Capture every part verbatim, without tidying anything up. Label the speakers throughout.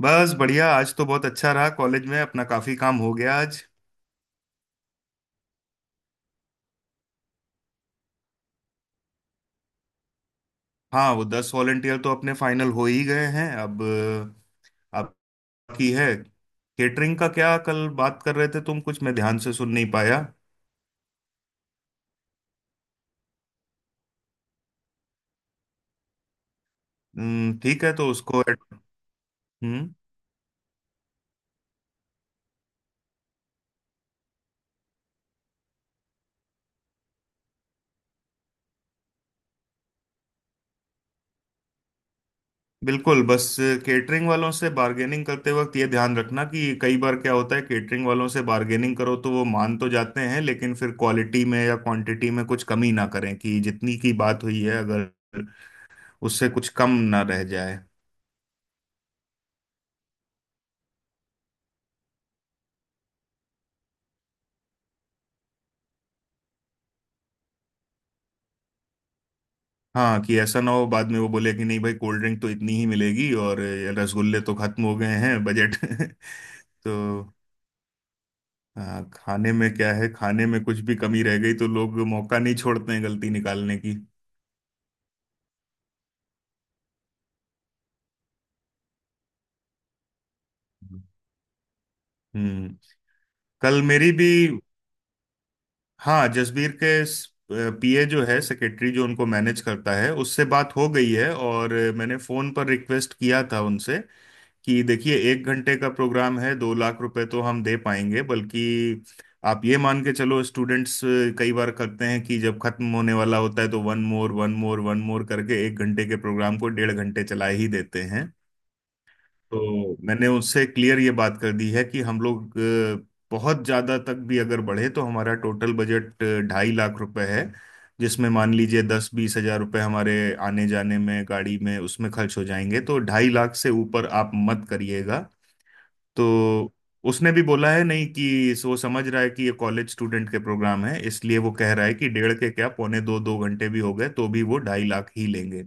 Speaker 1: बस बढ़िया। आज तो बहुत अच्छा रहा, कॉलेज में अपना काफी काम हो गया आज। हाँ, वो दस वॉलेंटियर तो अपने फाइनल हो ही गए हैं अब। अ, अब बाकी है। केटरिंग का क्या कल बात कर रहे थे तुम? कुछ मैं ध्यान से सुन नहीं पाया। हम्म, ठीक है तो उसको। हम्म। बिल्कुल। बस केटरिंग वालों से बार्गेनिंग करते वक्त ये ध्यान रखना कि कई बार क्या होता है, केटरिंग वालों से बार्गेनिंग करो तो वो मान तो जाते हैं लेकिन फिर क्वालिटी में या क्वांटिटी में कुछ कमी ना करें, कि जितनी की बात हुई है अगर उससे कुछ कम ना रह जाए। हाँ, कि ऐसा ना हो बाद में वो बोले कि नहीं भाई, कोल्ड ड्रिंक तो इतनी ही मिलेगी और ये रसगुल्ले तो खत्म हो गए हैं, बजट तो। हाँ, खाने में क्या है, खाने में कुछ भी कमी रह गई तो लोग मौका नहीं छोड़ते हैं गलती निकालने की। हम्म। कल मेरी भी। हाँ, जसबीर के पीए जो है, सेक्रेटरी जो उनको मैनेज करता है, उससे बात हो गई है और मैंने फोन पर रिक्वेस्ट किया था उनसे कि देखिए एक घंटे का प्रोग्राम है, दो लाख रुपए तो हम दे पाएंगे। बल्कि आप ये मान के चलो, स्टूडेंट्स कई बार करते हैं कि जब खत्म होने वाला होता है तो one more one more one more करके एक घंटे के प्रोग्राम को डेढ़ घंटे चला ही देते हैं। तो मैंने उससे क्लियर ये बात कर दी है कि हम लोग अ, बहुत ज्यादा तक भी अगर बढ़े तो हमारा टोटल बजट अ, ढाई लाख रुपए है। जिसमें मान लीजिए दस बीस हजार रुपए हमारे आने जाने में, गाड़ी में, उसमें खर्च हो जाएंगे, तो ढाई लाख से ऊपर आप मत करिएगा। तो उसने भी बोला है नहीं कि इस- वो समझ रहा है कि ये कॉलेज स्टूडेंट के प्रोग्राम है, इसलिए वो कह रहा है कि डेढ़ के क्या पौने दो दो घंटे भी हो गए तो भी वो ढाई लाख ही लेंगे।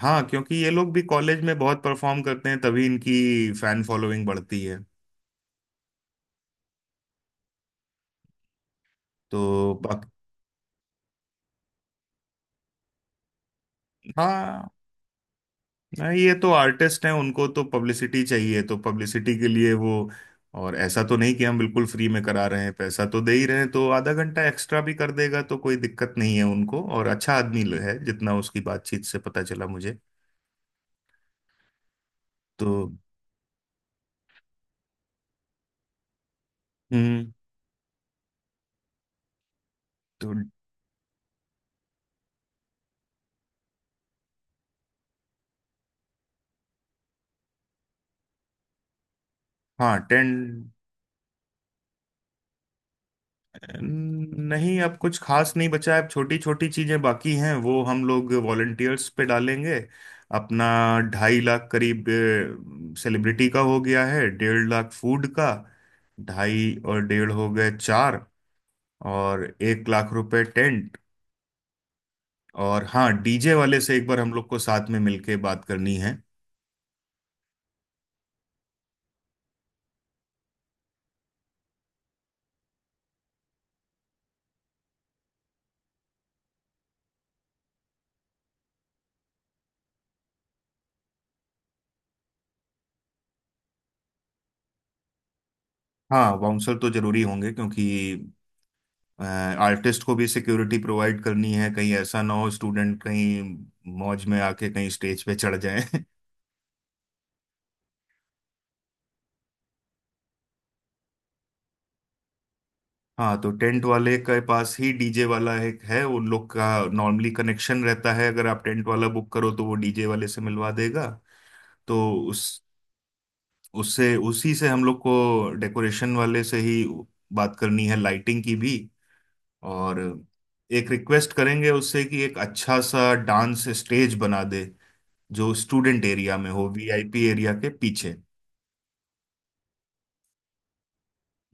Speaker 1: हाँ, क्योंकि ये लोग भी कॉलेज में बहुत परफॉर्म करते हैं, तभी इनकी फैन फॉलोइंग बढ़ती है। तो बाक- हाँ। नहीं, ये तो आर्टिस्ट हैं, उनको तो पब्लिसिटी चाहिए, तो पब्लिसिटी के लिए वो। और ऐसा तो नहीं कि हम बिल्कुल फ्री में करा रहे हैं, पैसा तो दे ही रहे हैं, तो आधा घंटा एक्स्ट्रा भी कर देगा तो कोई दिक्कत नहीं है उनको, और अच्छा आदमी है जितना उसकी बातचीत से पता चला मुझे। तो हम्म। तो हाँ, टेन। नहीं, अब कुछ खास नहीं बचा है, अब छोटी छोटी चीजें बाकी हैं, वो हम लोग वॉलंटियर्स पे डालेंगे। अपना ढाई लाख करीब सेलिब्रिटी का हो गया है, डेढ़ लाख फूड का, ढाई और डेढ़ हो गए चार, और एक लाख रुपए टेंट। और हाँ, डीजे वाले से एक बार हम लोग को साथ में मिलके बात करनी है। हाँ, बाउंसर तो जरूरी होंगे, क्योंकि आर्टिस्ट को भी सिक्योरिटी प्रोवाइड करनी है, कहीं ऐसा ना हो स्टूडेंट कहीं मौज में आके कहीं स्टेज पे चढ़ जाए। हाँ, तो टेंट वाले के पास ही डीजे वाला एक है उन लोग का, नॉर्मली कनेक्शन रहता है, अगर आप टेंट वाला बुक करो तो वो डीजे वाले से मिलवा देगा। तो उस उससे उसी से हम लोग को डेकोरेशन वाले से ही बात करनी है, लाइटिंग की भी। और एक रिक्वेस्ट करेंगे उससे कि एक अच्छा सा डांस स्टेज बना दे जो स्टूडेंट एरिया में हो, वीआईपी एरिया के पीछे।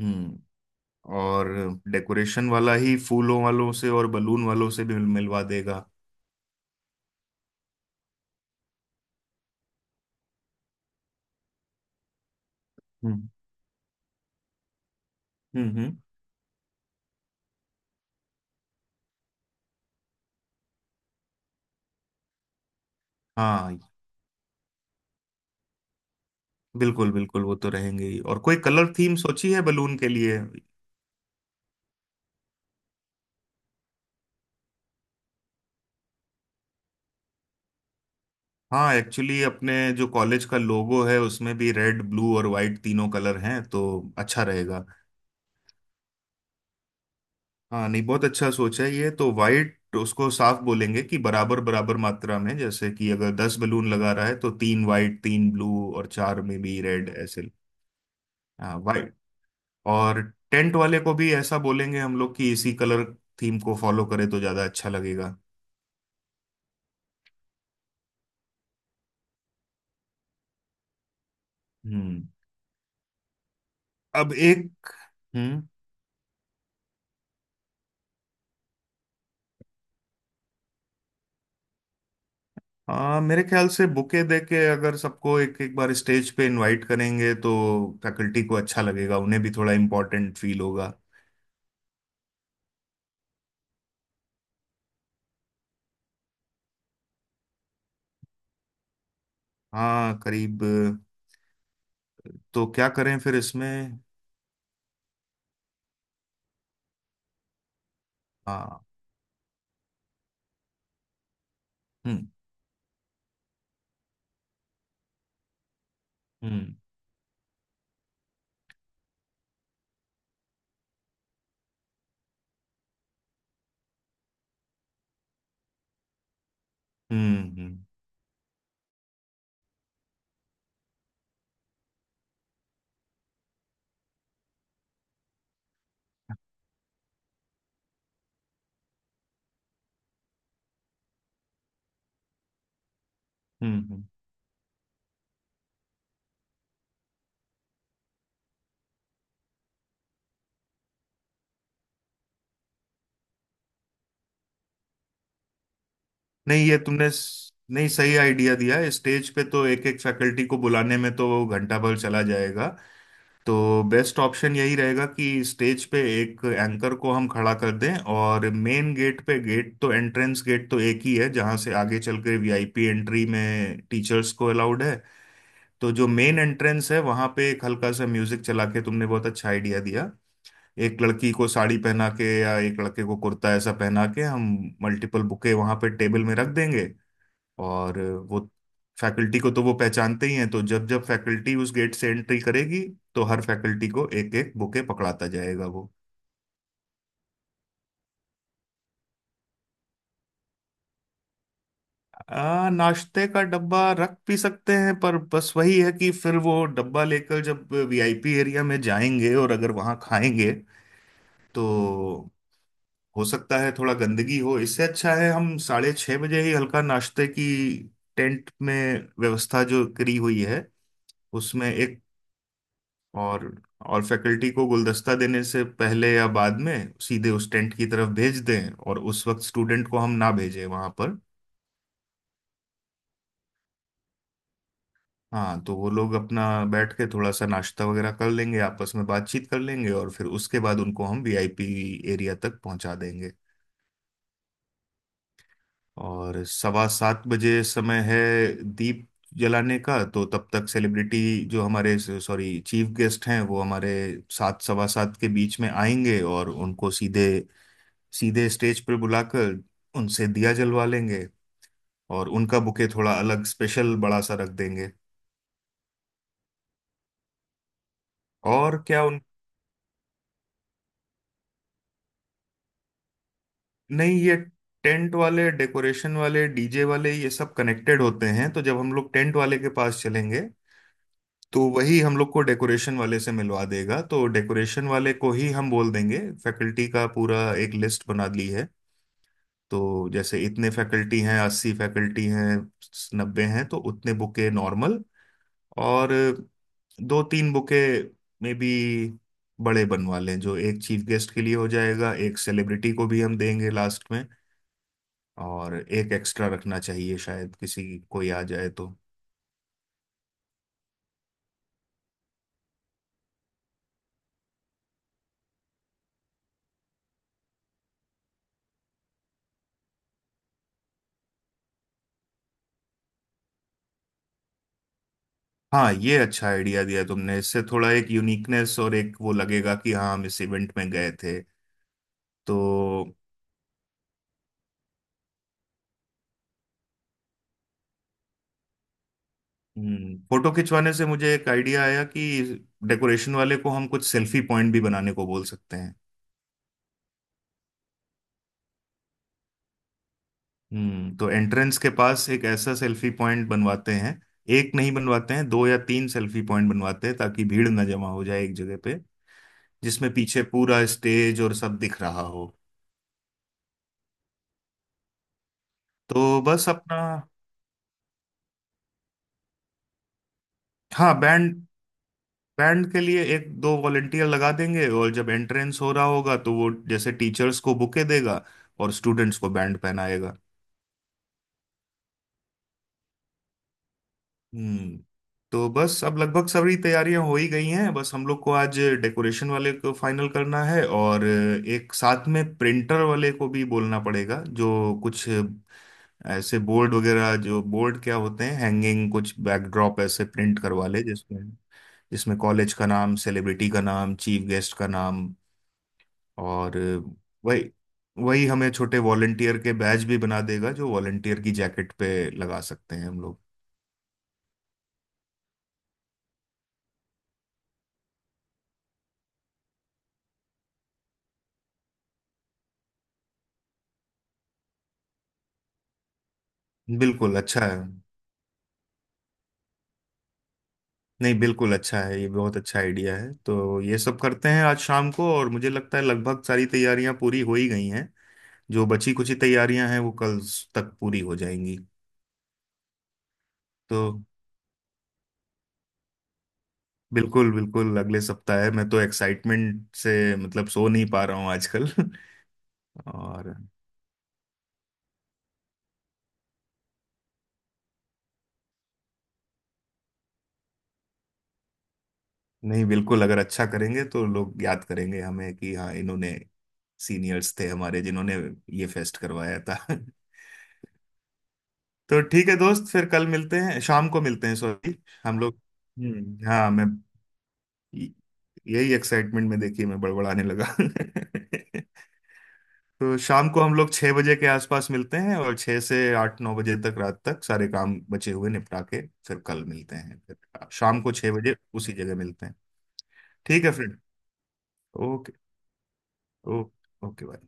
Speaker 1: हम्म। और डेकोरेशन वाला ही फूलों वालों से और बलून वालों से भी मिल- मिलवा देगा। हम्म हम्म हम्म। हाँ, बिल्कुल बिल्कुल वो तो रहेंगे ही। और कोई कलर थीम सोची है बलून के लिए? हाँ, एक्चुअली अपने जो कॉलेज का लोगो है उसमें भी रेड, ब्लू और वाइट तीनों कलर हैं, तो अच्छा रहेगा। हाँ, नहीं बहुत अच्छा सोचा है ये तो। वाइट उसको साफ बोलेंगे कि बराबर बराबर मात्रा में, जैसे कि अगर दस बलून लगा रहा है तो तीन वाइट, तीन ब्लू और चार में भी रेड, ऐसे। हाँ वाइट। और टेंट वाले को भी ऐसा बोलेंगे हम लोग कि इसी कलर थीम को फॉलो करे तो ज्यादा अच्छा लगेगा। हम्म। अब एक। हम्म, हाँ मेरे ख्याल से बुके दे के अगर सबको एक एक बार स्टेज पे इनवाइट करेंगे तो फैकल्टी को अच्छा लगेगा, उन्हें भी थोड़ा इम्पोर्टेंट फील होगा। हाँ करीब। तो क्या करें फिर इसमें? हाँ हम्म हम्म हम्म हम्म हम्म हम्म। नहीं, ये तुमने स- नहीं, सही आइडिया दिया है, स्टेज पे तो एक एक फैकल्टी को बुलाने में तो घंटा भर चला जाएगा। तो बेस्ट ऑप्शन यही रहेगा कि स्टेज पे एक एंकर को हम खड़ा कर दें, और मेन गेट पे, गेट तो एंट्रेंस गेट तो एक ही है जहां से आगे चल के वीआईपी एंट्री में टीचर्स को अलाउड है। तो जो मेन एंट्रेंस है वहां पे एक हल्का सा म्यूजिक चला के, तुमने बहुत अच्छा आइडिया दिया, एक लड़की को साड़ी पहना के या एक लड़के को कुर्ता ऐसा पहना के हम मल्टीपल बुके वहां पे टेबल में रख देंगे। और वो फैकल्टी को तो वो पहचानते ही हैं, तो जब जब फैकल्टी उस गेट से एंट्री करेगी तो हर फैकल्टी को एक एक बुके पकड़ाता जाएगा वो। आ, नाश्ते का डब्बा रख भी सकते हैं, पर बस वही है कि फिर वो डब्बा लेकर जब वीआईपी एरिया में जाएंगे और अगर वहां खाएंगे तो हो सकता है थोड़ा गंदगी हो। इससे अच्छा है हम साढ़े छह बजे ही हल्का नाश्ते की टेंट में व्यवस्था जो करी हुई है उसमें एक। और और फैकल्टी को गुलदस्ता देने से पहले या बाद में सीधे उस टेंट की तरफ भेज दें और उस वक्त स्टूडेंट को हम ना भेजें वहां पर। हाँ, तो वो लोग अपना बैठ के थोड़ा सा नाश्ता वगैरह कर लेंगे, आपस में बातचीत कर लेंगे और फिर उसके बाद उनको हम वीआईपी एरिया तक पहुंचा देंगे। और सवा सात बजे समय है दीप जलाने का, तो तब तक सेलिब्रिटी, जो हमारे सॉरी चीफ गेस्ट हैं, वो हमारे सात सवा सात के बीच में आएंगे और उनको सीधे, सीधे स्टेज पर बुलाकर उनसे दिया जलवा लेंगे। और उनका बुके थोड़ा अलग, स्पेशल बड़ा सा रख देंगे। और क्या उन नहीं, ये टेंट वाले, डेकोरेशन वाले, डीजे वाले, ये सब कनेक्टेड होते हैं, तो जब हम लोग टेंट वाले के पास चलेंगे तो वही हम लोग को डेकोरेशन वाले से मिलवा देगा, तो डेकोरेशन वाले को ही हम बोल देंगे। फैकल्टी का पूरा एक लिस्ट बना ली है, तो जैसे इतने फैकल्टी हैं, अस्सी फैकल्टी हैं, नब्बे हैं, तो उतने बुके नॉर्मल। और दो तीन बुके मे बी बड़े बनवा लें, जो एक चीफ गेस्ट के लिए हो जाएगा, एक सेलिब्रिटी को भी हम देंगे लास्ट में। और एक एक्स्ट्रा रखना चाहिए शायद किसी कोई आ जाए तो। हाँ, ये अच्छा आइडिया दिया तुमने, इससे थोड़ा एक यूनिकनेस और एक वो लगेगा कि हाँ हम इस इवेंट में गए थे। तो फोटो खिंचवाने से मुझे एक आइडिया आया कि डेकोरेशन वाले को हम कुछ सेल्फी पॉइंट भी बनाने को बोल सकते हैं। हम्म, तो एंट्रेंस के पास एक ऐसा सेल्फी पॉइंट बनवाते हैं। एक नहीं, बनवाते हैं दो या तीन सेल्फी पॉइंट, बनवाते हैं ताकि भीड़ ना जमा हो जाए एक जगह पे, जिसमें पीछे पूरा स्टेज और सब दिख रहा हो। तो बस अपना। हाँ, बैंड, बैंड के लिए एक दो वॉलेंटियर लगा देंगे और जब एंट्रेंस हो रहा होगा तो वो जैसे टीचर्स को बुके देगा और स्टूडेंट्स को बैंड पहनाएगा। हम्म। तो बस अब लगभग सारी तैयारियां हो ही गई हैं, बस हम लोग को आज डेकोरेशन वाले को फाइनल करना है और एक साथ में प्रिंटर वाले को भी बोलना पड़ेगा, जो कुछ ऐसे बोर्ड वगैरह, जो बोर्ड क्या होते हैं, हैंगिंग कुछ बैकड्रॉप ऐसे प्रिंट करवा ले जिसमें, जिसमें कॉलेज का नाम, सेलिब्रिटी का नाम, चीफ गेस्ट का नाम, और वही वही हमें छोटे वॉलंटियर के बैज भी बना देगा जो वॉलंटियर की जैकेट पे लगा सकते हैं हम लोग। बिल्कुल अच्छा है। नहीं, बिल्कुल अच्छा है, ये बहुत अच्छा आइडिया है। तो ये सब करते हैं आज शाम को, और मुझे लगता है लगभग सारी तैयारियां पूरी हो ही गई हैं। जो बची कुछ ही तैयारियां हैं वो कल तक पूरी हो जाएंगी। तो बिल्कुल बिल्कुल अगले सप्ताह है, मैं तो एक्साइटमेंट से मतलब सो नहीं पा रहा हूँ आजकल। और नहीं, बिल्कुल, अगर अच्छा करेंगे तो लोग याद करेंगे हमें कि हाँ इन्होंने, सीनियर्स थे हमारे जिन्होंने ये फेस्ट करवाया था। तो ठीक है दोस्त, फिर कल मिलते हैं, शाम को मिलते हैं सॉरी। हम लोग हम्म। हाँ, मैं यही एक्साइटमेंट में, देखिए मैं बड़बड़ाने लगा। तो शाम को हम लोग छह बजे के आसपास मिलते हैं और छह से आठ नौ बजे तक, रात तक सारे काम बचे हुए निपटा के फिर कल मिलते हैं, फिर शाम को छह बजे उसी जगह मिलते हैं। ठीक है friend. Okay. Okay okay bye.